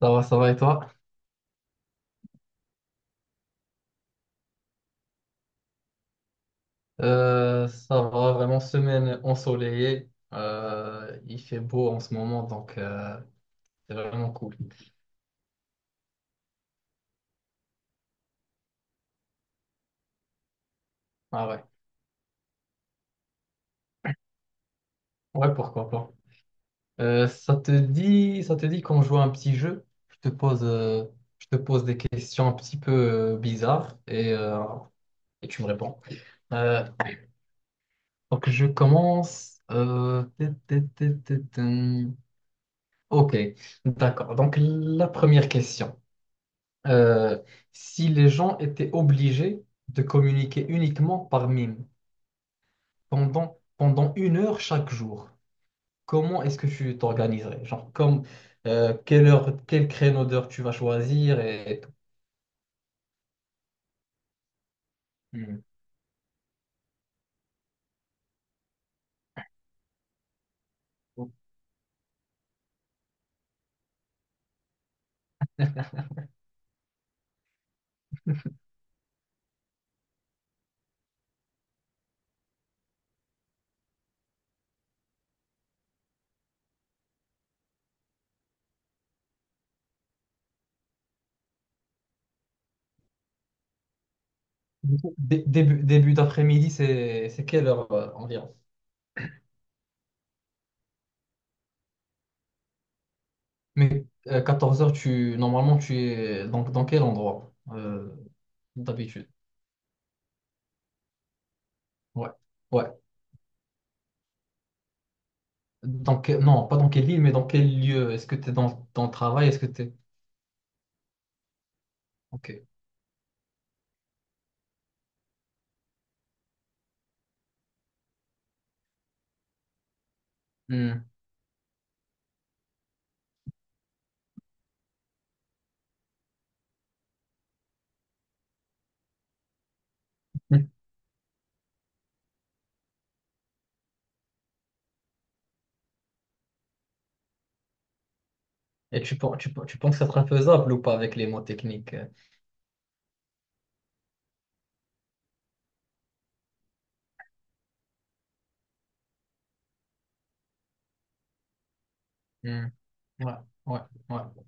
Ça va, ça va, et toi? Ça va, vraiment semaine ensoleillée. Il fait beau en ce moment, donc c'est vraiment cool. Ah ouais, ouais, pourquoi pas. Ça te dit qu'on joue à un petit jeu? Je te pose des questions un petit peu bizarres et et tu me réponds. Euh, donc je commence. Tut, tut, tut, tut, tum. Ok, d'accord. Donc la première question. euh, Si les gens étaient obligés de communiquer uniquement par mime pendant une heure chaque jour, comment est-ce que tu t'organiserais? Genre, comme, quelle heure, quel créneau d'heure tu vas choisir et tout. Hmm. Du coup, début d'après-midi, c'est quelle heure environ? Mais 14h heures, tu, normalement, tu es dans quel endroit d'habitude? Ouais. Ouais. Non, pas dans quelle ville, mais dans quel lieu? Est-ce que tu es dans le travail? Est-ce que tu es... Hmm. Hmm. Et tu penses que ça sera faisable ou pas avec les mots techniques? Hmm. Ouais, ouais, ouais.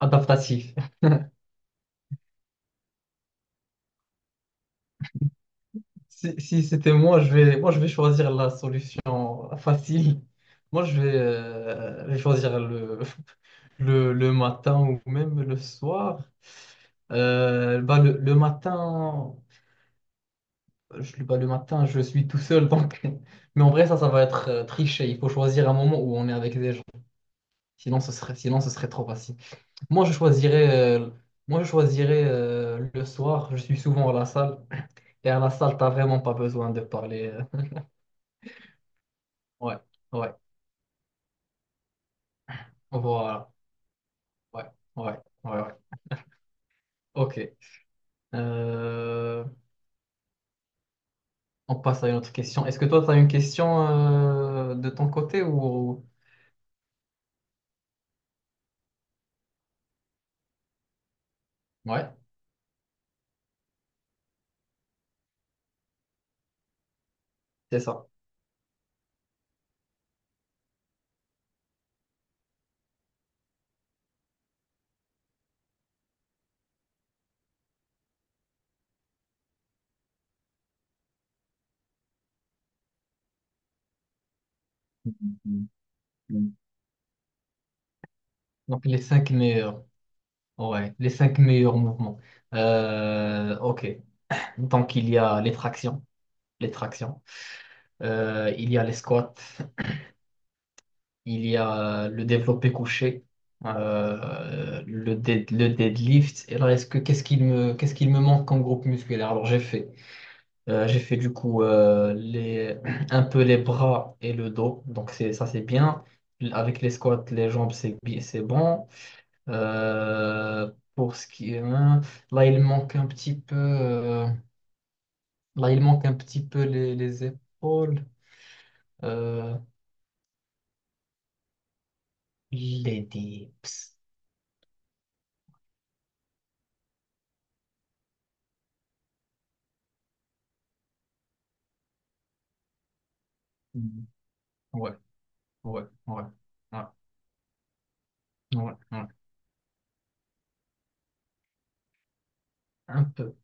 Adaptatif. Si, si c'était moi, moi, je vais choisir la solution facile. Moi, je vais choisir le matin ou même le soir. Le matin, le matin, je suis tout seul, donc. Mais en vrai, ça va être triché. Il faut choisir un moment où on est avec des gens. Sinon, ce serait trop facile. Moi, moi, je choisirais le soir. Je suis souvent à la salle. Et à la salle, t'as vraiment pas besoin de parler. Ouais, ouais, voilà. Ouais, ouais, ouais, ouais. Ok. Euh, on passe à une autre question. Est-ce que toi, tu as une question de ton côté ou... Ouais, c'est ça. Donc, les cinq meilleurs. Ouais, les cinq meilleurs mouvements. Ok. Donc, il y a les tractions. Les tractions. Il y a les squats. Il y a le développé couché, le deadlift. Et alors, est-ce que qu'est-ce qu'il me manque en groupe musculaire? Alors, j'ai fait du coup un peu les bras et le dos. Donc, ça, c'est bien. Avec les squats, les jambes, c'est bon. Pour ce qui est, hein, là, il manque un petit peu, euh, là, il manque un petit peu les épaules, euh, les dips. Mhm. Ouais, ouais, ouais, ouais, ouais, ouais, un peu.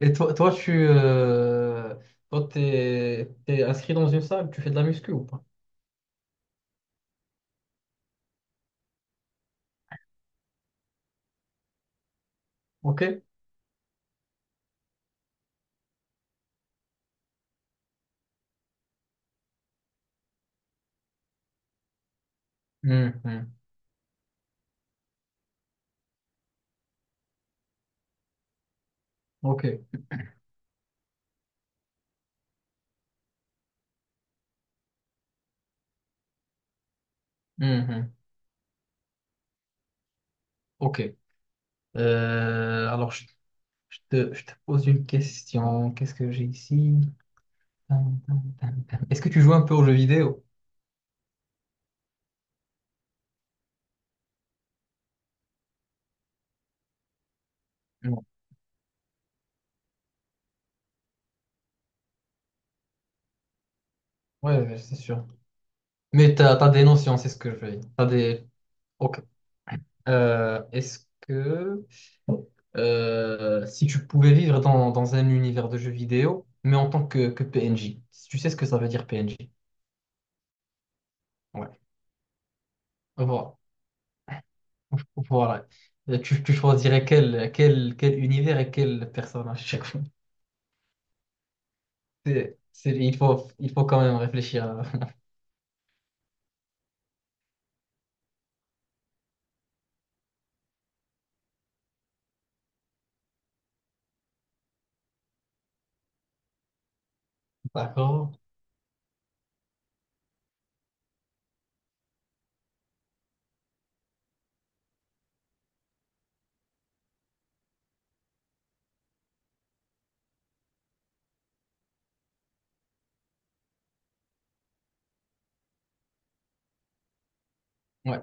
Et toi, toi tu toi, t'es inscrit dans une salle, tu fais de la muscu ou pas? Ok? Mhm. Ok. Mhm. Ok. Alors, je te pose une question. Qu'est-ce que j'ai ici? Tan, tan, tan, tan. Est-ce que tu joues un peu aux jeux vidéo? Non. Ouais, ouais, c'est sûr. Mais t'as des notions, c'est ce que je veux dire. T'as des... Ok. Est-ce que si tu pouvais vivre dans un univers de jeux vidéo, mais en tant que PNJ, si tu sais ce que ça veut dire PNJ? Ouais. Voilà. Voilà. Et tu tu choisirais quel univers et quel personnage chaque fois. Il faut quand même réfléchir à... D'accord? Ouais.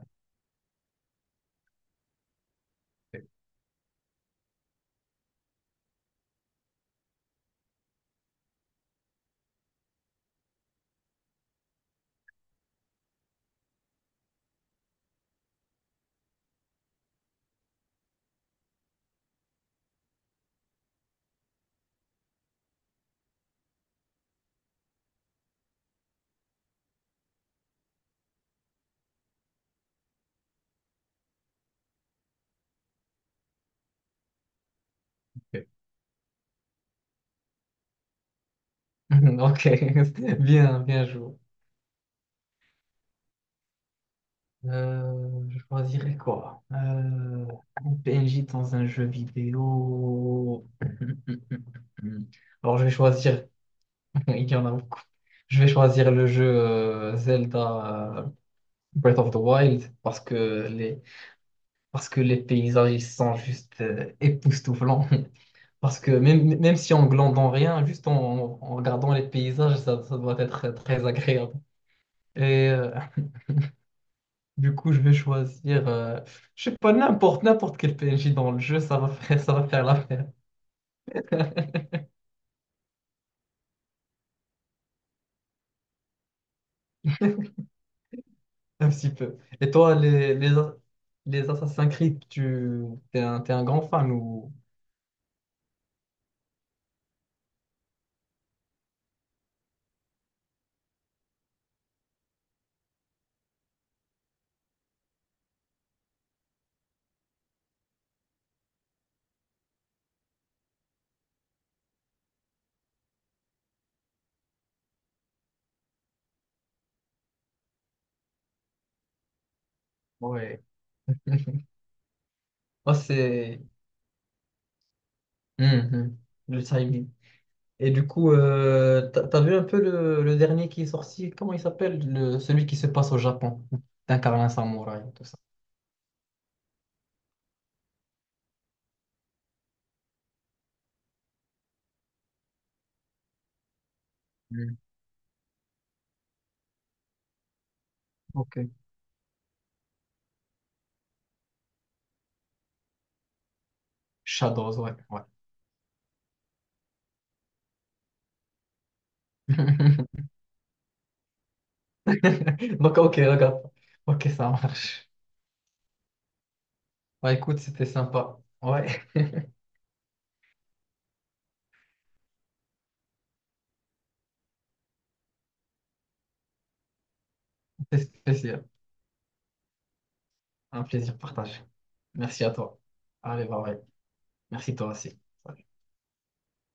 Ok. Ok. Bien, bien joué. Je choisirais quoi? Un PNJ dans un jeu vidéo. Alors, je vais choisir. Il y en a beaucoup. Je vais choisir le jeu Zelda Breath of the Wild parce que les paysages ils sont juste époustouflants. Parce que même si on glandant rien, juste en regardant les paysages, ça doit être très agréable. Et euh, je vais choisir, je sais pas, n'importe quel PNJ dans le jeu, ça va faire l'affaire, un petit peu. Et toi, les Assassin's Creed, t'es un grand fan ou... Ouais. Moi c'est... Mhm. Le timing. Et du coup, t'as vu un peu le dernier qui est sorti, comment il s'appelle? Le, celui qui se passe au Japon, d'incarner un samouraï, et tout ça. Mhm. Ok. Shadows, ouais, ouais. Donc, ok, regarde. Ok, ça marche. Bah écoute, c'était sympa. Ouais, c'était spécial. Un plaisir partagé. Merci à toi. Allez, bye bye. Merci toi aussi.